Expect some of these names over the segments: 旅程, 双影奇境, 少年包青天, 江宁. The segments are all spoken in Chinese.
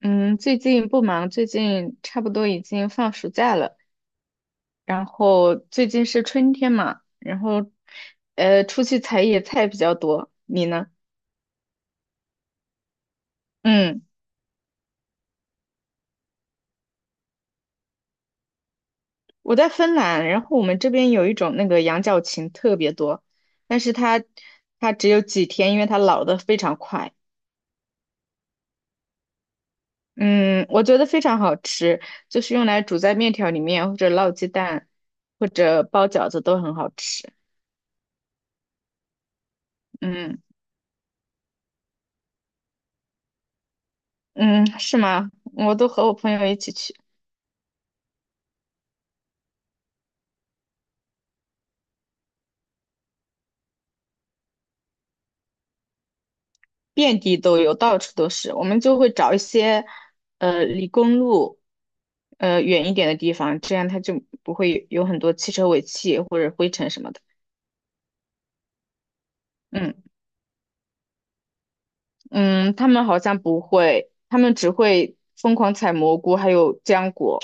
嗯，最近不忙，最近差不多已经放暑假了，然后最近是春天嘛，然后出去采野菜比较多。你呢？嗯，我在芬兰，然后我们这边有一种那个羊角芹特别多，但是它只有几天，因为它老得非常快。嗯，我觉得非常好吃，就是用来煮在面条里面，或者烙鸡蛋，或者包饺子都很好吃。嗯嗯，是吗？我都和我朋友一起去。遍地都有，到处都是。我们就会找一些，离公路，远一点的地方，这样它就不会有很多汽车尾气或者灰尘什么的。嗯嗯，他们好像不会，他们只会疯狂采蘑菇，还有浆果。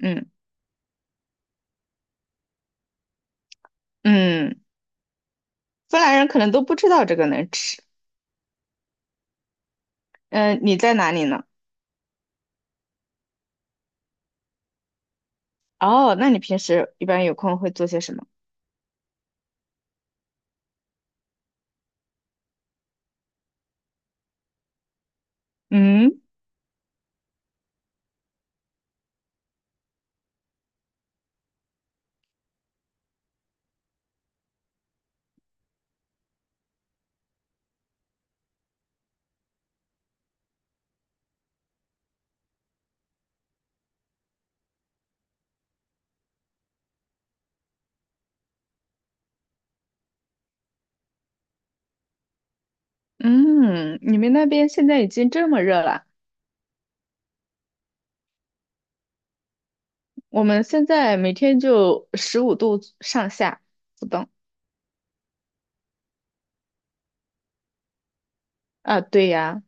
嗯嗯，芬兰人可能都不知道这个能吃。嗯、你在哪里呢？哦，那你平时一般有空会做些什么？嗯嗯，你们那边现在已经这么热了？我们现在每天就15度上下不等。啊，对呀，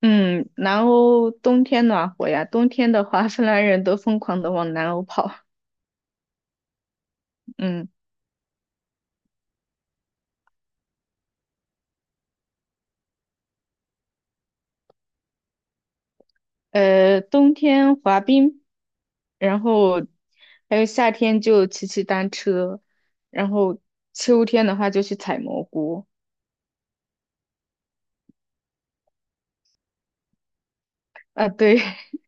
嗯，南欧冬天暖和呀，冬天的话，芬兰人都疯狂的往南欧跑，嗯，冬天滑冰，然后还有夏天就骑骑单车，然后秋天的话就去采蘑菇。啊，对，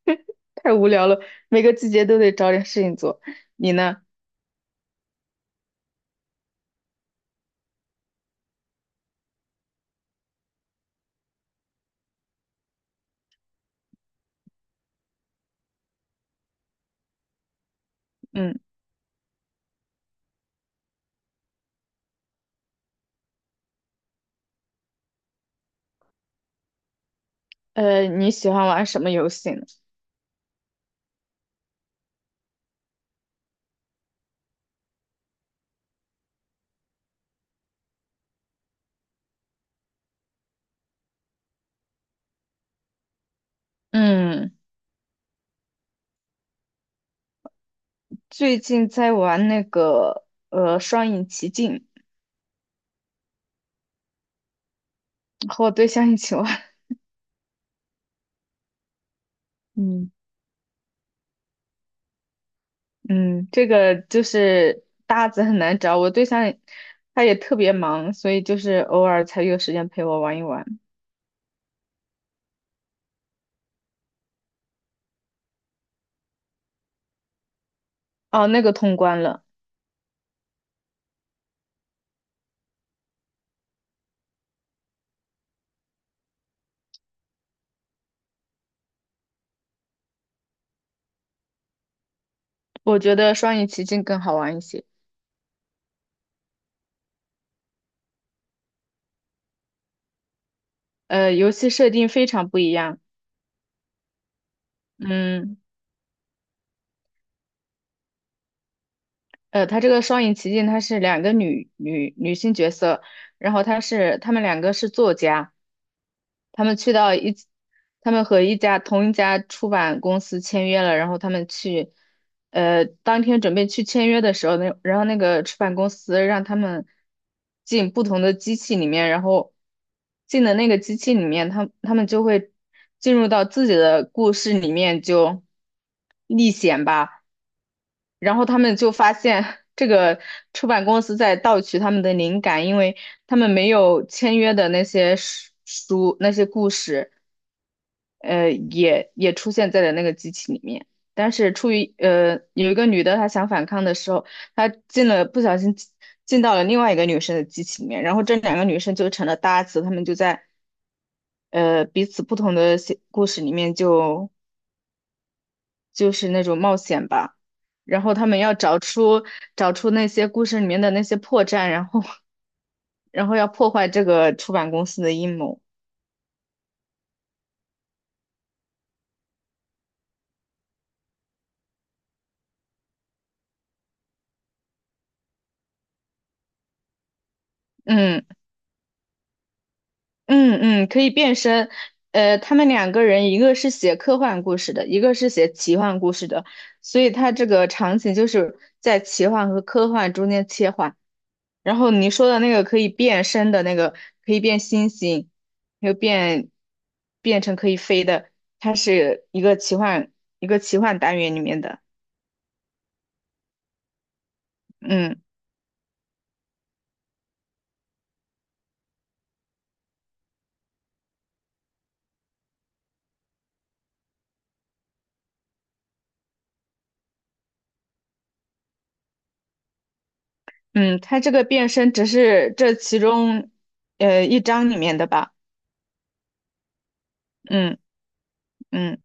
太无聊了，每个季节都得找点事情做。你呢？嗯，你喜欢玩什么游戏呢？嗯。最近在玩那个《双影奇境》，和我对象一起玩。嗯，嗯，这个就是搭子很难找，我对象他也特别忙，所以就是偶尔才有时间陪我玩一玩。哦，那个通关了，我觉得《双影奇境》更好玩一些。呃，游戏设定非常不一样。嗯，它这个《双影奇境》它是两个女性角色，然后她们两个是作家。他们去到一起他们和同一家出版公司签约了，然后他们去，当天准备去签约的时候，然后那个出版公司让他们进不同的机器里面，然后进的那个机器里面，他们就会进入到自己的故事里面就历险吧。然后他们就发现 这个出版公司在盗取他们的灵感，因为他们没有签约的那些书那些故事，也出现在了那个机器里面。但是出于有一个女的她想反抗的时候，她不小心进到了另外一个女生的机器里面，然后这两个女生就成了搭子，他们就在彼此不同的写故事里面就就是那种冒险吧。然后他们要找出那些故事里面的那些破绽，然后然后要破坏这个出版公司的阴谋。嗯嗯嗯，可以变身。呃，他们两个人，一个是写科幻故事的，一个是写奇幻故事的，所以他这个场景就是在奇幻和科幻中间切换。然后你说的那个可以变身的那个，可以变星星，又变变成可以飞的，它是一个奇幻单元里面的。嗯嗯，它这个变身只是这其中一章里面的吧。嗯嗯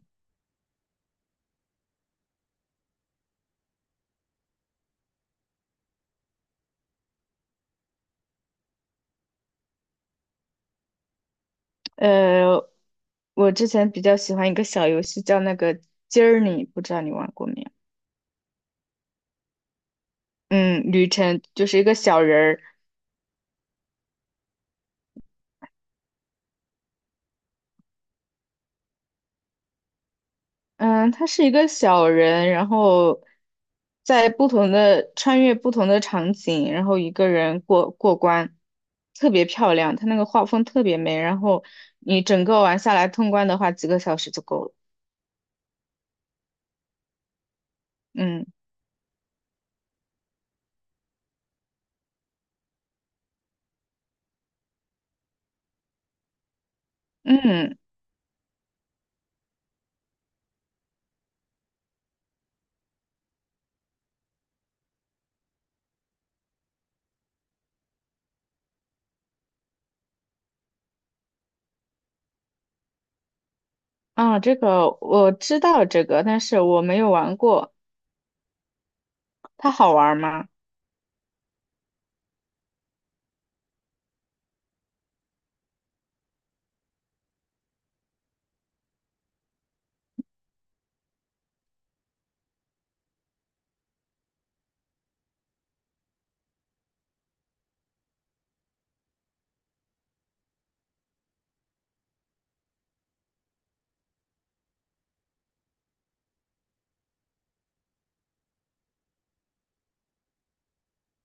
呃，我之前比较喜欢一个小游戏叫那个 j 儿》，你不知道你玩过没有？嗯，旅程就是一个小人儿。嗯，他是一个小人，然后在不同的穿越不同的场景，然后一个人过过关，特别漂亮。他那个画风特别美，然后你整个玩下来通关的话，几个小时就够了。嗯嗯啊，这个我知道这个，但是我没有玩过。它好玩吗？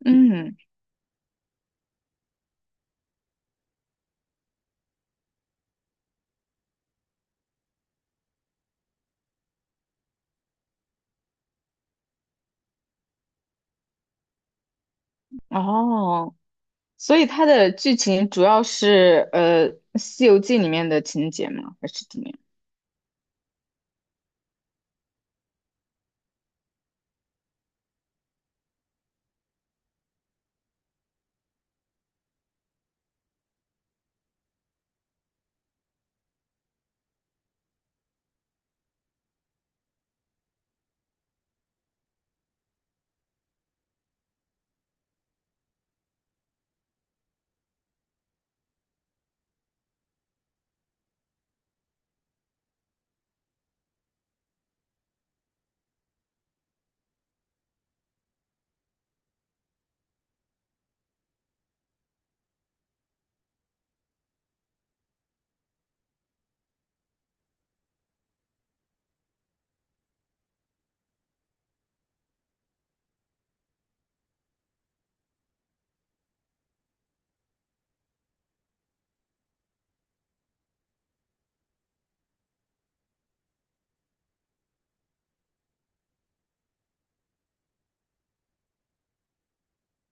嗯哦，所以它的剧情主要是《西游记》里面的情节吗？还是怎么样？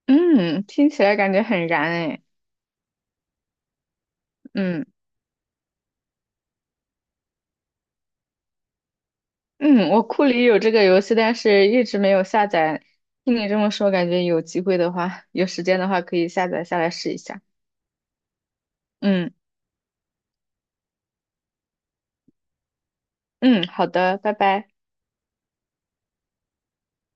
嗯，听起来感觉很燃哎。嗯嗯，我库里有这个游戏，但是一直没有下载。听你这么说，感觉有机会的话，有时间的话可以下载下来试一下。嗯嗯，好的，拜拜。